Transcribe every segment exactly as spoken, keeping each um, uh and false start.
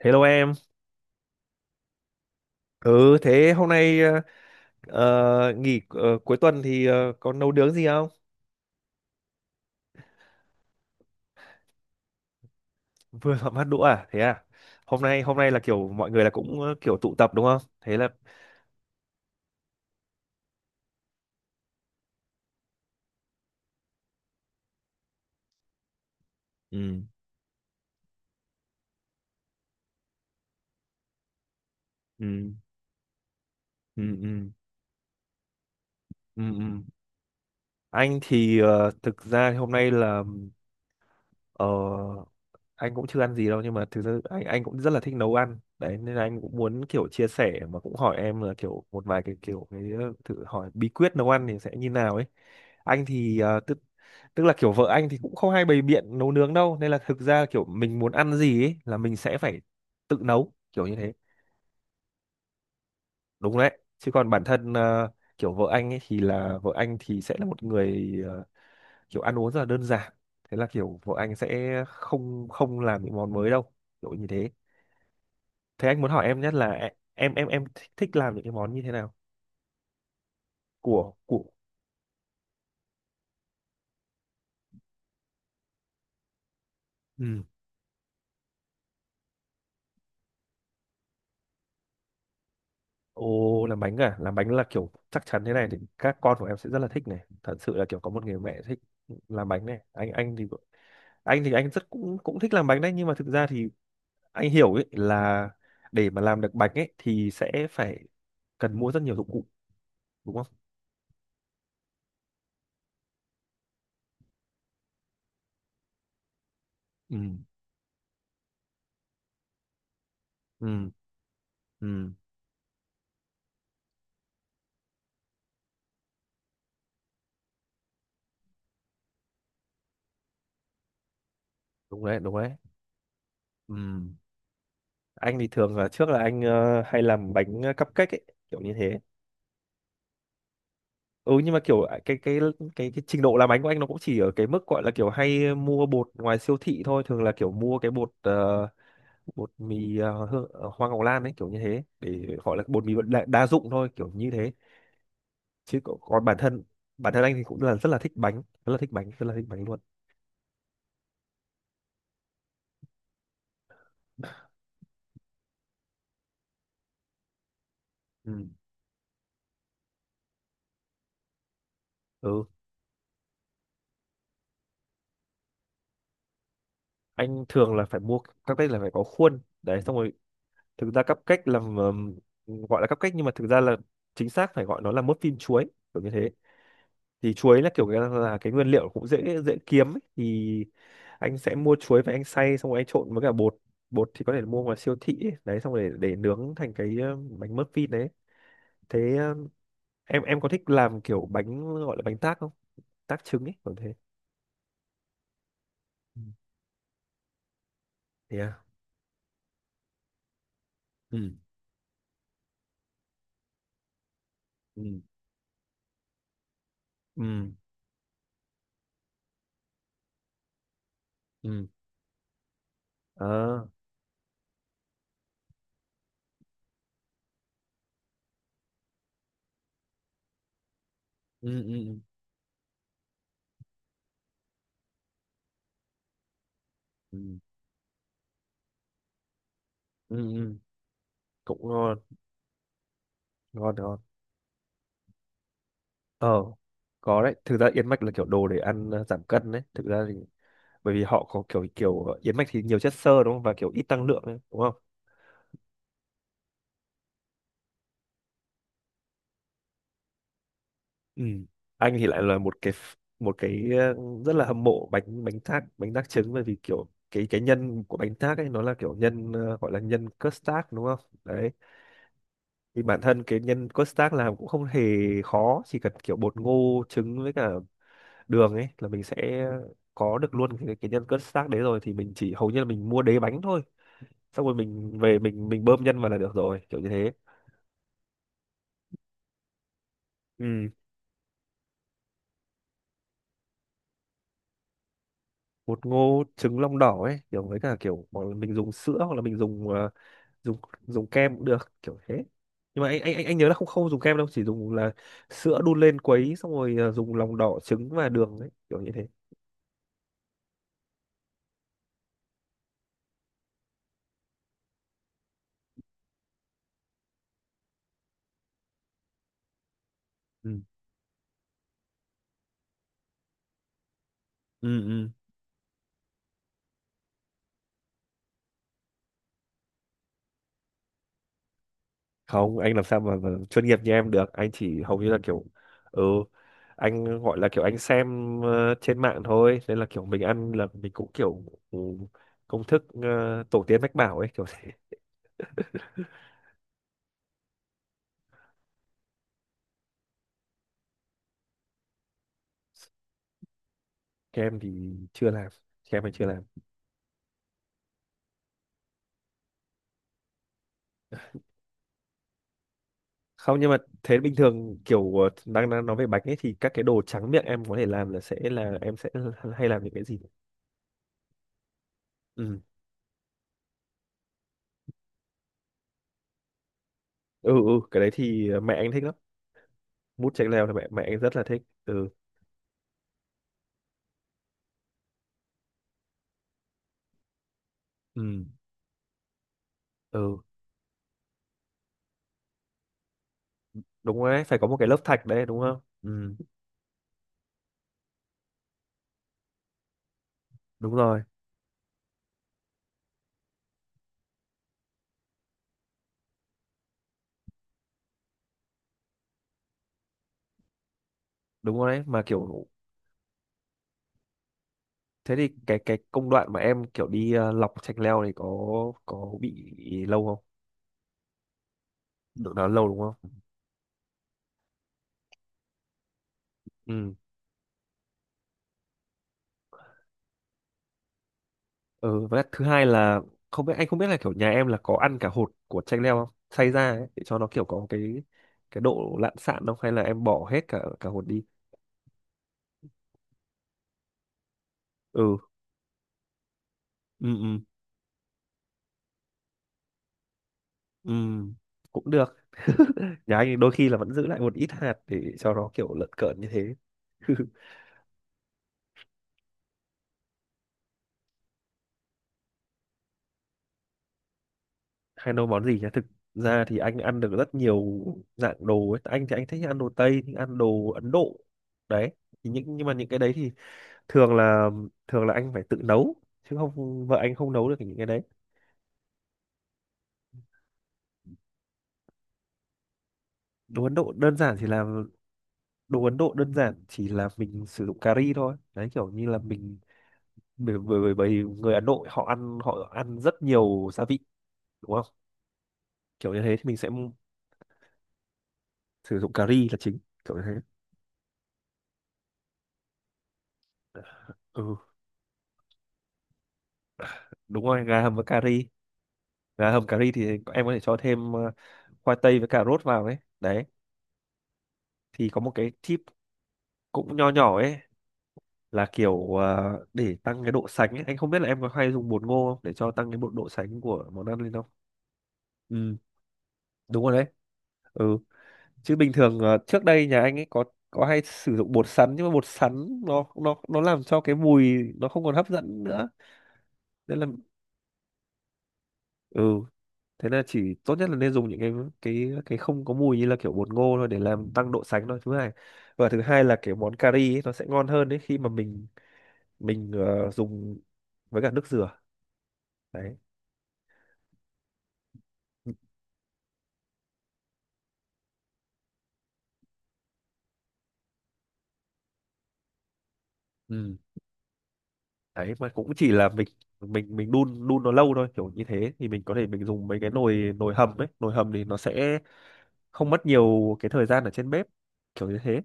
Hello em. Ừ, thế hôm nay ờ, ờ, nghỉ ờ, cuối tuần thì ờ, có nấu nướng gì không? Vừa họp hát đũa à? Thế à? Hôm nay hôm nay là kiểu mọi người là cũng ờ, kiểu tụ tập đúng không? Thế là ừ, ừ, ừ, ừ, ừ. Ừ. Anh thì ờ, thực ra hôm nay là ờ, anh cũng chưa ăn gì đâu, nhưng mà thực sự anh anh cũng rất là thích nấu ăn đấy, nên là anh cũng muốn kiểu chia sẻ, mà cũng hỏi em là kiểu một vài cái kiểu cái ờ, thử hỏi bí quyết nấu ăn thì sẽ như nào ấy. Anh thì ờ, tức tức là kiểu vợ anh thì cũng không hay bày biện nấu nướng đâu, nên là thực ra kiểu mình muốn ăn gì ấy là mình sẽ phải tự nấu, kiểu như thế. Đúng đấy, chứ còn bản thân ờ, kiểu vợ anh ấy thì là vợ anh thì sẽ là một người ờ, kiểu ăn uống rất là đơn giản, thế là kiểu vợ anh sẽ không không làm những món mới đâu, kiểu như thế. Thế anh muốn hỏi em nhất là e- em em em thích, thích làm những cái món như thế nào? Của của. Ừ. Ồ, làm bánh à? Làm bánh là kiểu chắc chắn thế này thì các con của em sẽ rất là thích này. Thật sự là kiểu có một người mẹ thích làm bánh này. Anh anh thì anh thì anh rất cũng cũng thích làm bánh đấy, nhưng mà thực ra thì anh hiểu ấy là để mà làm được bánh ấy thì sẽ phải cần mua rất nhiều dụng cụ đúng không? Ừ, ừ, ừ, đúng đấy, đúng đấy. Ừ. Anh thì thường là trước là anh ờ, hay làm bánh cupcake ấy, kiểu như thế. Ừ, nhưng mà kiểu à, cái cái cái cái trình độ làm bánh của anh nó cũng chỉ ở cái mức gọi là kiểu hay mua bột ngoài siêu thị thôi, thường là kiểu mua cái bột ờ, bột mì ờ, hương- ờ, hoa ngọc lan ấy, kiểu như thế, để gọi là bột mì đa, đa dụng thôi, kiểu như thế. Chứ còn còn bản thân bản thân anh thì cũng là rất là thích bánh, rất là thích bánh, rất là thích bánh luôn. Ừ. Ừ, anh thường là phải mua. Cupcake là phải có khuôn đấy, xong rồi thực ra cupcake là ừm, gọi là cupcake, nhưng mà thực ra là chính xác phải gọi nó là muffin chuối, kiểu như thế. Thì chuối là kiểu cái- là cái nguyên liệu cũng dễ dễ kiếm ấy. Thì anh sẽ mua chuối và anh xay xong rồi anh trộn với cả bột. Bột thì có thể mua ngoài siêu thị ấy. Đấy xong rồi để, để nướng thành cái ờ, bánh muffin đấy. Thế ờ, em em có thích làm kiểu bánh gọi là bánh tác không, tác trứng ấy, kiểu thế? Ừ. Thế à? Ừ, ừ, ừ, ừ. ờ ừ, ừ, ừ, ừ, ừ, ừ. Cũng ngon, ngon, ngon. ờ có đấy, thực ra yến mạch là kiểu đồ để ăn ờ, giảm cân đấy, thực ra thì bởi vì họ có kiểu kiểu yến mạch thì nhiều chất xơ đúng không, và kiểu ít năng lượng ấy, đúng không? Ừ. Anh thì lại là một cái một cái ờ, rất là hâm mộ bánh bánh thác bánh thác trứng, bởi vì kiểu cái cái nhân của bánh thác ấy nó là kiểu nhân ờ, gọi là nhân custard đúng không. Đấy thì bản thân cái nhân custard làm cũng không hề khó, chỉ cần kiểu bột ngô trứng với cả đường ấy là mình sẽ có được luôn cái, cái nhân custard đấy, rồi thì mình chỉ hầu như là mình mua đế bánh thôi, xong rồi mình về mình mình bơm nhân vào là được rồi, kiểu như thế. Ừ, bột ngô trứng lòng đỏ ấy, kiểu với cả kiểu hoặc là mình dùng sữa, hoặc là mình dùng ờ, dùng dùng kem cũng được, kiểu thế. Nhưng mà anh anh anh anh nhớ là không không dùng kem đâu, chỉ dùng là sữa đun lên quấy, xong rồi ờ, dùng lòng đỏ trứng và đường ấy, kiểu như thế. Ừ. Ừ, ừ. Không, anh làm sao mà, mà chuyên nghiệp như em được, anh chỉ hầu như là kiểu ừ, anh gọi là kiểu anh xem ờ, trên mạng thôi, nên là kiểu mình ăn là mình cũng kiểu ừ, công thức ờ, tổ tiên mách bảo ấy, kiểu thế. Kem thì chưa làm. Kem thì chưa làm. Không, nhưng mà thế bình thường kiểu ờ, đang đang nói về bánh ấy thì các cái đồ tráng miệng em có thể làm là sẽ là em sẽ hay làm những cái gì? Ừ, ừ, ừ, cái đấy thì mẹ anh thích lắm. Mút chanh leo thì mẹ mẹ anh rất là thích. Ừ. Ừ, ừ, đúng rồi đấy, phải có một cái lớp thạch đấy đúng không. Ừ, đúng rồi. Đúng rồi đấy, mà kiểu thế thì cái cái công đoạn mà em kiểu đi ờ, lọc chanh leo thì có, có bị lâu không, được nó lâu đúng không? Ừ, ừ, với lại thứ hai là không biết, anh không biết là kiểu nhà em là có ăn cả hột của chanh leo không, xay ra ấy, để cho nó kiểu có cái cái độ lạn sạn không, hay là em bỏ hết cả cả hột đi? Ừ, ừ, ừ, ừ. Cũng được. Nhà anh đôi khi là vẫn giữ lại một ít hạt để cho nó kiểu lợn cợn như thế. Hay nấu món gì nhá, thực ra thì anh ăn được rất nhiều dạng đồ ấy, anh thì anh thích ăn đồ Tây, thích ăn đồ Ấn Độ đấy. Thì những nhưng mà những cái đấy thì thường là, thường là anh phải tự nấu, chứ không vợ anh không nấu được những cái đấy. Đồ Ấn Độ đơn giản chỉ là đồ Ấn Độ đơn giản chỉ là mình sử dụng cà ri thôi đấy, kiểu như là mình bởi bởi bởi bởi người Ấn Độ họ ăn, họ ăn rất nhiều gia vị đúng không, kiểu như thế thì mình sẽ sử dụng cà ri là chính, kiểu như thế. Ừ, đúng rồi, gà hầm với cà ri. Gà hầm cà ri thì em có thể cho thêm ờ, khoai tây với cà rốt vào ấy. Đấy thì có một cái tip cũng nho nhỏ ấy, là kiểu à, để tăng cái độ sánh ấy. Anh không biết là em có hay dùng bột ngô không để cho tăng cái bộ độ sánh của món ăn lên không? Ừ, đúng rồi đấy. Ừ, chứ bình thường à, trước đây nhà anh ấy có có hay sử dụng bột sắn, nhưng mà bột sắn nó nó nó làm cho cái mùi nó không còn hấp dẫn nữa. Nên là ừ, thế là chỉ tốt nhất là nên dùng những cái cái cái không có mùi như là kiểu bột ngô thôi, để làm tăng độ sánh thôi. Thứ hai, và thứ hai là kiểu món cà ri ấy, nó sẽ ngon hơn đấy khi mà mình mình ờ, dùng với cả nước dừa. Đấy. Ừ. Đấy mà cũng chỉ là mình mình mình đun đun nó lâu thôi, kiểu như thế thì mình có thể mình dùng mấy cái nồi nồi hầm ấy, nồi hầm thì nó sẽ không mất nhiều cái thời gian ở trên bếp, kiểu như thế.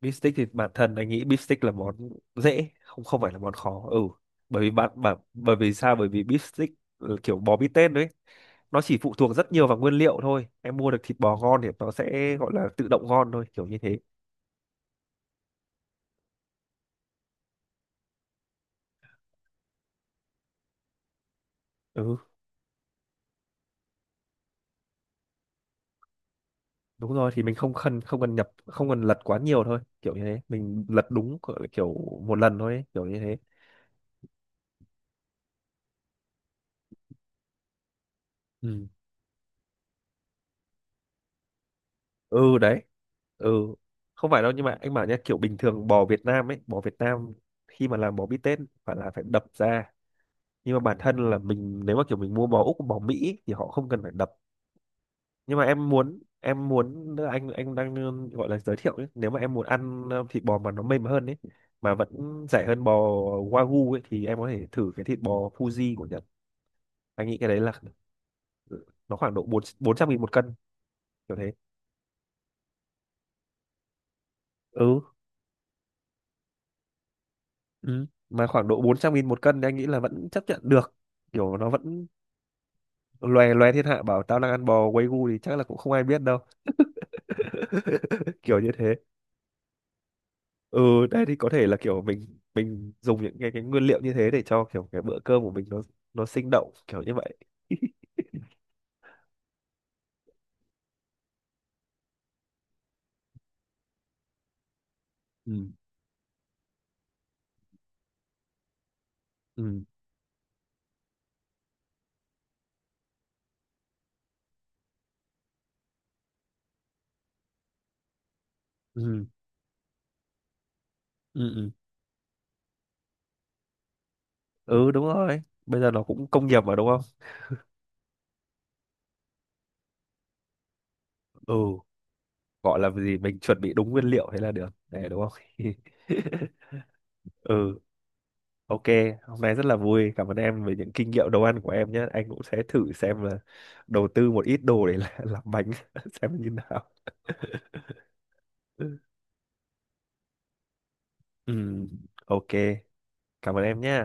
Beef stick thì bản thân anh nghĩ beef stick là món dễ, không không phải là món khó. Ừ, bởi vì bạn bảo bởi vì sao bởi vì beef stick ừ, kiểu bò bít tết đấy, nó chỉ phụ thuộc rất nhiều vào nguyên liệu thôi, em mua được thịt bò ngon thì nó sẽ gọi là tự động ngon thôi, kiểu như thế. Ừ, đúng rồi, thì mình không cần không cần nhập không cần lật quá nhiều thôi, kiểu như thế, mình lật đúng cỡ- kiểu một lần thôi ấy, kiểu như thế. Ừ. Ừ, đấy. Ừ, không phải đâu, nhưng mà anh bảo nhá, kiểu bình thường bò Việt Nam ấy, bò Việt Nam khi mà làm bò bít tết phải là phải đập ra, nhưng mà bản thân là mình nếu mà kiểu mình mua bò Úc bò Mỹ ấy, thì họ không cần phải đập. Nhưng mà em muốn em muốn anh anh đang gọi là giới thiệu ấy, nếu mà em muốn ăn ờ, thịt bò mà nó mềm hơn ấy, mà vẫn rẻ hơn bò Wagyu ấy, thì em có thể thử cái thịt bò Fuji của Nhật. Anh nghĩ cái đấy là nó khoảng độ bốn bốn trăm nghìn một cân, kiểu thế. Ừ, ừ, mà khoảng độ bốn trăm nghìn một cân thì anh nghĩ là vẫn chấp nhận được, kiểu nó vẫn loè loe thiên hạ bảo tao đang ăn bò Wagyu gu thì chắc là cũng không ai biết đâu. Kiểu như thế. Ừ, đấy thì có thể là kiểu mình mình dùng những cái cái nguyên liệu như thế để cho kiểu cái bữa cơm của mình nó nó sinh động, kiểu như vậy. Ừ, ừ, ừ, ừ, ừ, ừ, đúng rồi, bây giờ nó cũng công nghiệp mà đúng không. Ừ, gọi là gì, mình chuẩn bị đúng nguyên liệu thế là được để đúng không? Ừ, ok. Hôm nay rất là vui, cảm ơn em về những kinh nghiệm nấu ăn của em nhé, anh cũng sẽ thử xem là đầu tư một ít đồ để làm, làm bánh xem như nào. Ừ, ok, cảm ơn em nhé.